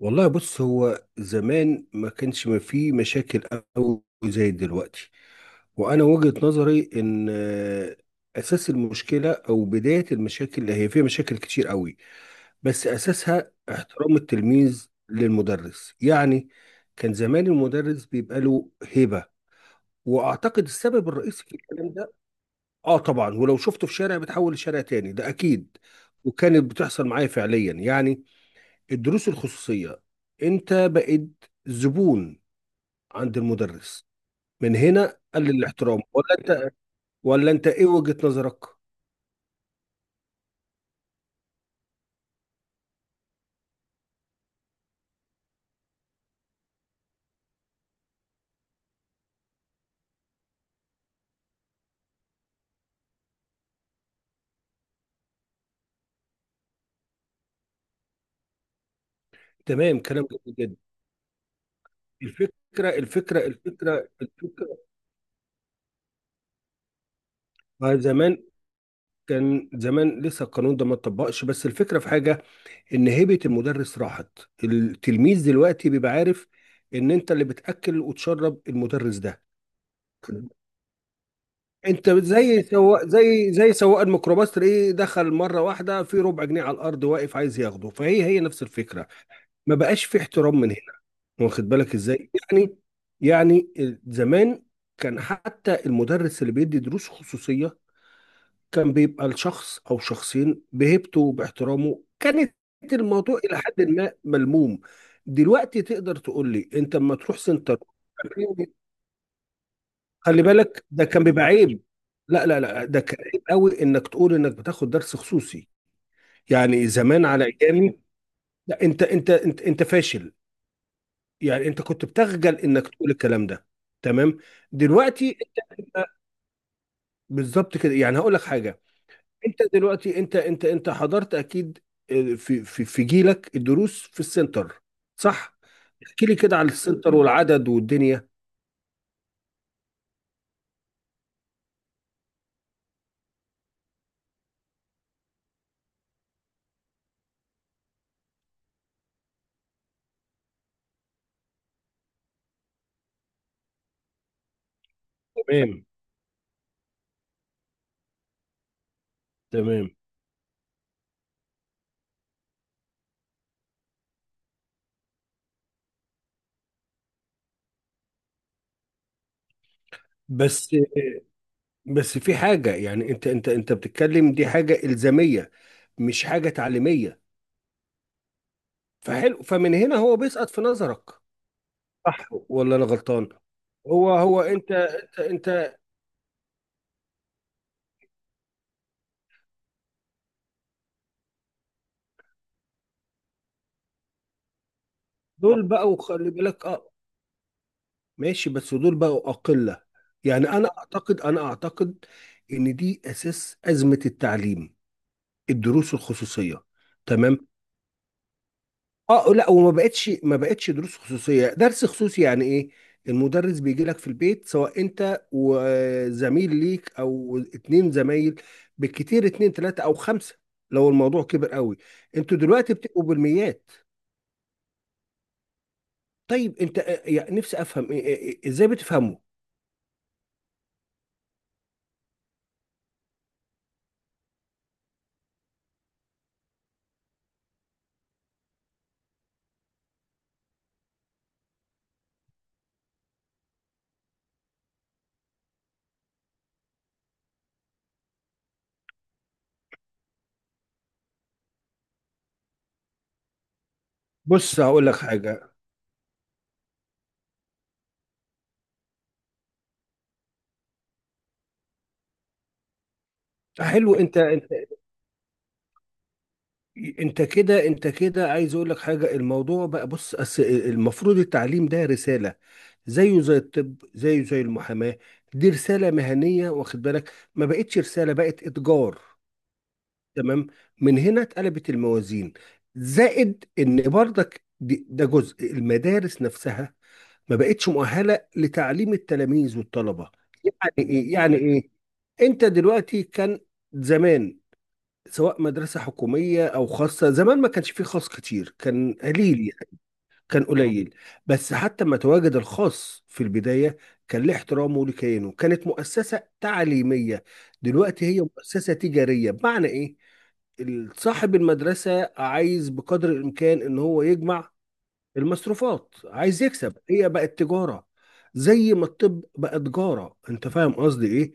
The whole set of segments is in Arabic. والله بص هو زمان ما كانش ما فيه مشاكل قوي زي دلوقتي. وانا وجهة نظري ان اساس المشكلة او بداية المشاكل، هي فيها مشاكل كتير قوي، بس اساسها احترام التلميذ للمدرس. يعني كان زمان المدرس بيبقى له هيبة، واعتقد السبب الرئيسي في الكلام ده. اه طبعا، ولو شفته في شارع بتحول لشارع تاني، ده اكيد. وكانت بتحصل معايا فعليا، يعني الدروس الخصوصية انت بقيت زبون عند المدرس. من هنا قل الاحترام. ولا انت ايه وجهة نظرك؟ تمام، كلام جميل جدا. الفكرة الفكرة. ما زمان، كان زمان لسه القانون ده ما اتطبقش، بس الفكرة في حاجة، ان هيبة المدرس راحت. التلميذ دلوقتي بيبقى عارف ان انت اللي بتأكل وتشرب المدرس ده. انت زي سواق، زي سواق الميكروباص، تلاقيه دخل مره واحده في ربع جنيه على الارض، واقف عايز ياخده. فهي هي نفس الفكره. ما بقاش في احترام من هنا. واخد بالك ازاي؟ يعني يعني زمان، كان حتى المدرس اللي بيدي دروس خصوصيه، كان بيبقى الشخص او شخصين بهيبته وباحترامه، كانت الموضوع الى حد ما ملموم. دلوقتي تقدر تقول لي انت لما تروح سنتر، خلي بالك ده كان بيبقى عيب. لا لا لا، ده كان عيب قوي انك تقول انك بتاخد درس خصوصي. يعني زمان على ايامي، لا انت فاشل. يعني انت كنت بتخجل انك تقول الكلام ده. تمام. دلوقتي انت بالظبط كده. يعني هقول لك حاجه، انت دلوقتي انت حضرت اكيد في جيلك الدروس في السنتر، صح؟ احكي لي كده على السنتر والعدد والدنيا. تمام. تمام. بس بس في حاجة، يعني انت بتتكلم دي حاجة إلزامية، مش حاجة تعليمية. فحلو، فمن هنا هو بيسقط في نظرك. صح ولا انا غلطان؟ هو انت. انت دول بقوا، خلي بالك، اه ماشي، بس دول بقوا أقلة. يعني انا اعتقد ان دي اساس أزمة التعليم، الدروس الخصوصية. تمام. اه لا، وما بقتش ما بقتش دروس خصوصيه. درس خصوصي يعني ايه؟ المدرس بيجي لك في البيت، سواء انت وزميل ليك او اتنين زمايل، بالكتير اتنين تلاته او خمسه، لو الموضوع كبر قوي. انتوا دلوقتي بتبقوا بالميات. طيب انت يعني نفسي افهم ازاي بتفهموا؟ بص هقول لك حاجه. حلو، انت انت كده، عايز اقول لك حاجه. الموضوع بقى بص، المفروض التعليم ده رساله، زيه زي الطب، زيه زي المحاماه. دي رساله مهنيه، واخد بالك؟ ما بقتش رساله، بقت اتجار. تمام. من هنا اتقلبت الموازين. زائد ان برضك ده جزء. المدارس نفسها ما بقتش مؤهله لتعليم التلاميذ والطلبه. يعني ايه؟ انت دلوقتي، كان زمان سواء مدرسة حكومية أو خاصة، زمان ما كانش فيه خاص كتير، كان قليل يعني. كان قليل. بس حتى ما تواجد الخاص في البداية، كان له احترامه ولكيانه، كانت مؤسسة تعليمية. دلوقتي هي مؤسسة تجارية، بمعنى إيه؟ صاحب المدرسة عايز بقدر الإمكان إن هو يجمع المصروفات، عايز يكسب. هي بقت تجارة، زي ما الطب بقى تجارة. أنت فاهم قصدي إيه؟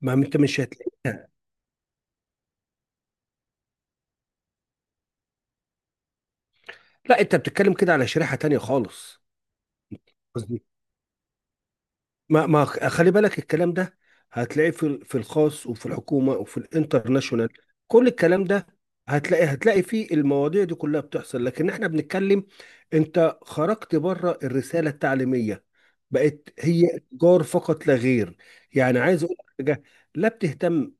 ما أنت مش هتلاقيها. لا، أنت بتتكلم كده على شريحة تانية خالص. ما خلي بالك الكلام ده هتلاقيه في في الخاص وفي الحكومه وفي الانترناشونال. كل الكلام ده، هتلاقي فيه المواضيع دي كلها بتحصل. لكن احنا بنتكلم، انت خرجت بره الرساله التعليميه، بقت هي تجار فقط لا غير. يعني عايز اقول لك حاجه، لا بتهتم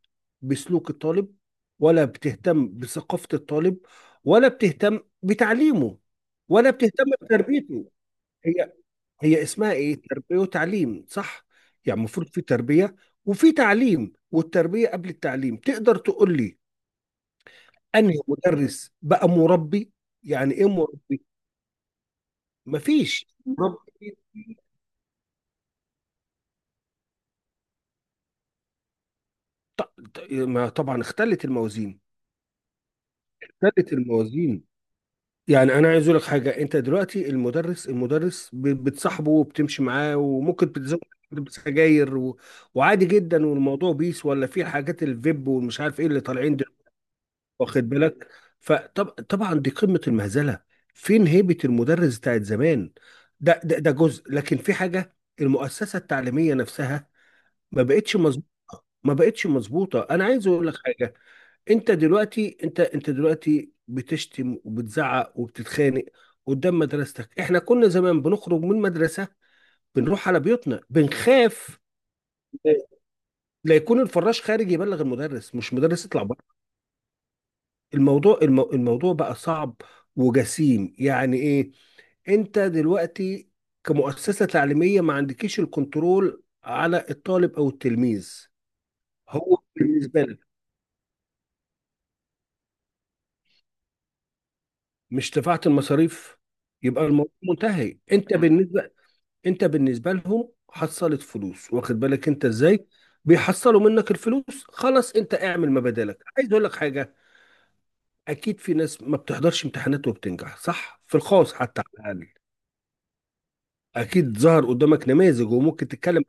بسلوك الطالب، ولا بتهتم بثقافه الطالب، ولا بتهتم بتعليمه، ولا بتهتم بتربيته. هي هي اسمها ايه؟ تربية وتعليم، صح؟ يعني المفروض في تربية وفي تعليم، والتربية قبل التعليم. تقدر تقول لي انهي مدرس بقى مربي؟ يعني ايه مربي؟ مفيش مربي. ما طبعا اختلت الموازين. اختلت الموازين. يعني انا عايز اقول لك حاجة، انت دلوقتي المدرس بتصاحبه وبتمشي معاه، وممكن بتزود بسجاير و... وعادي جدا، والموضوع بيس، ولا في حاجات الفيب والمش عارف ايه اللي طالعين، واخد بالك؟ فطبعا دي قمة المهزلة. فين هيبة المدرس بتاعت زمان؟ ده جزء، لكن في حاجة، المؤسسة التعليمية نفسها ما بقتش مظبوط. ما بقتش مظبوطة. انا عايز اقول لك حاجة، انت دلوقتي، انت دلوقتي بتشتم وبتزعق وبتتخانق قدام مدرستك. احنا كنا زمان بنخرج من مدرسة، بنروح على بيوتنا بنخاف لا يكون الفراش خارج يبلغ المدرس، مش مدرس يطلع بره. الموضوع الموضوع بقى صعب وجسيم. يعني ايه؟ انت دلوقتي كمؤسسة تعليمية ما عندكيش الكنترول على الطالب او التلميذ. هو بالنسبة لك، مش دفعت المصاريف، يبقى الموضوع منتهي. انت بالنسبة، انت بالنسبة لهم حصلت فلوس، واخد بالك انت ازاي بيحصلوا منك الفلوس؟ خلاص، انت اعمل ما بدالك. عايز اقول لك حاجة، اكيد في ناس ما بتحضرش امتحانات وبتنجح، صح، في الخاص حتى على الاقل. اكيد ظهر قدامك نماذج وممكن تتكلم.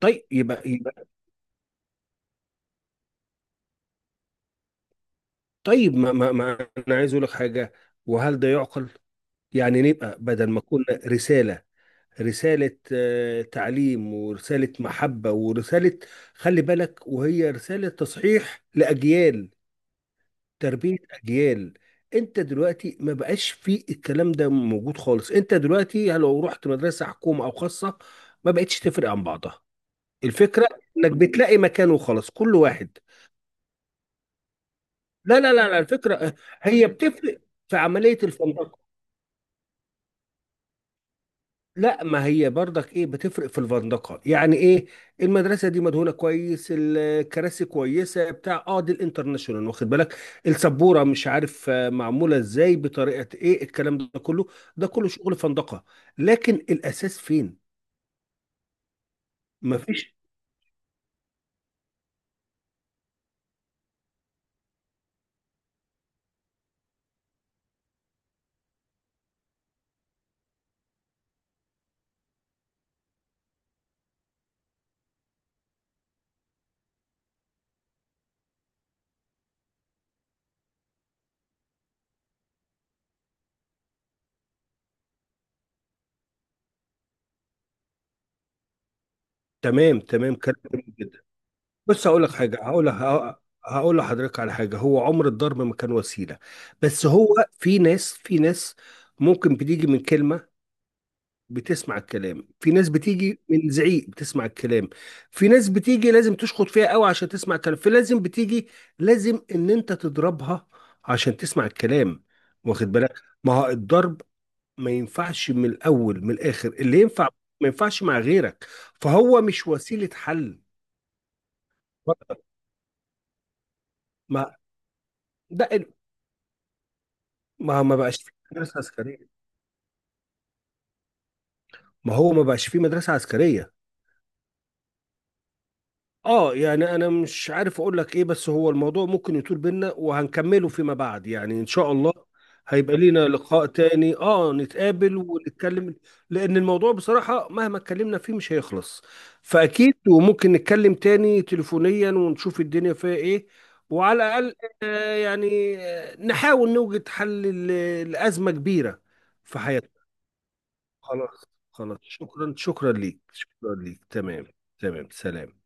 طيب يبقى طيب، ما انا عايز اقول لك حاجه، وهل ده يعقل؟ يعني نبقى بدل ما كنا رساله، رساله تعليم، ورساله محبه، ورساله، خلي بالك، وهي رساله تصحيح لاجيال، تربيه اجيال. انت دلوقتي ما بقاش في الكلام ده موجود خالص. انت دلوقتي لو رحت مدرسه حكومه او خاصه، ما بقتش تفرق عن بعضها. الفكره انك بتلاقي مكان وخلاص، كل واحد. لا، الفكرة هي بتفرق في عملية الفندقة. لا، ما هي برضك ايه بتفرق في الفندقة؟ يعني ايه؟ المدرسة دي مدهونة كويس، الكراسي كويسة بتاع اه، دي الانترناشونال، واخد بالك؟ السبورة مش عارف معمولة ازاي، بطريقة ايه، الكلام ده كله ده كله شغل فندقة. لكن الاساس فين؟ مفيش. تمام، تمام، كلام جميل جدا. بس هقول لك حاجة، هقول لحضرتك على حاجة، هو عمر الضرب ما كان وسيلة، بس هو في ناس، في ناس ممكن بتيجي من كلمة، بتسمع الكلام. في ناس بتيجي من زعيق، بتسمع الكلام. في ناس بتيجي لازم تشخط فيها قوي عشان تسمع الكلام. في لازم بتيجي لازم ان انت تضربها عشان تسمع الكلام، واخد بالك؟ ما هو الضرب ما ينفعش من الاول. من الاخر اللي ينفع ما ينفعش مع غيرك، فهو مش وسيلة حل. ما ده، ما بقاش في مدرسة عسكرية. ما هو ما بقاش في مدرسة عسكرية. اه يعني انا مش عارف اقول لك ايه، بس هو الموضوع ممكن يطول بينا، وهنكمله فيما بعد يعني ان شاء الله. هيبقى لينا لقاء تاني، اه نتقابل ونتكلم، لان الموضوع بصراحة مهما اتكلمنا فيه مش هيخلص. فاكيد وممكن نتكلم تاني تليفونيا، ونشوف الدنيا فيها ايه. وعلى الاقل، آه يعني نحاول نوجد حل لأزمة كبيرة في حياتنا. خلاص. خلاص، شكرا، شكرا ليك. تمام. تمام، سلام.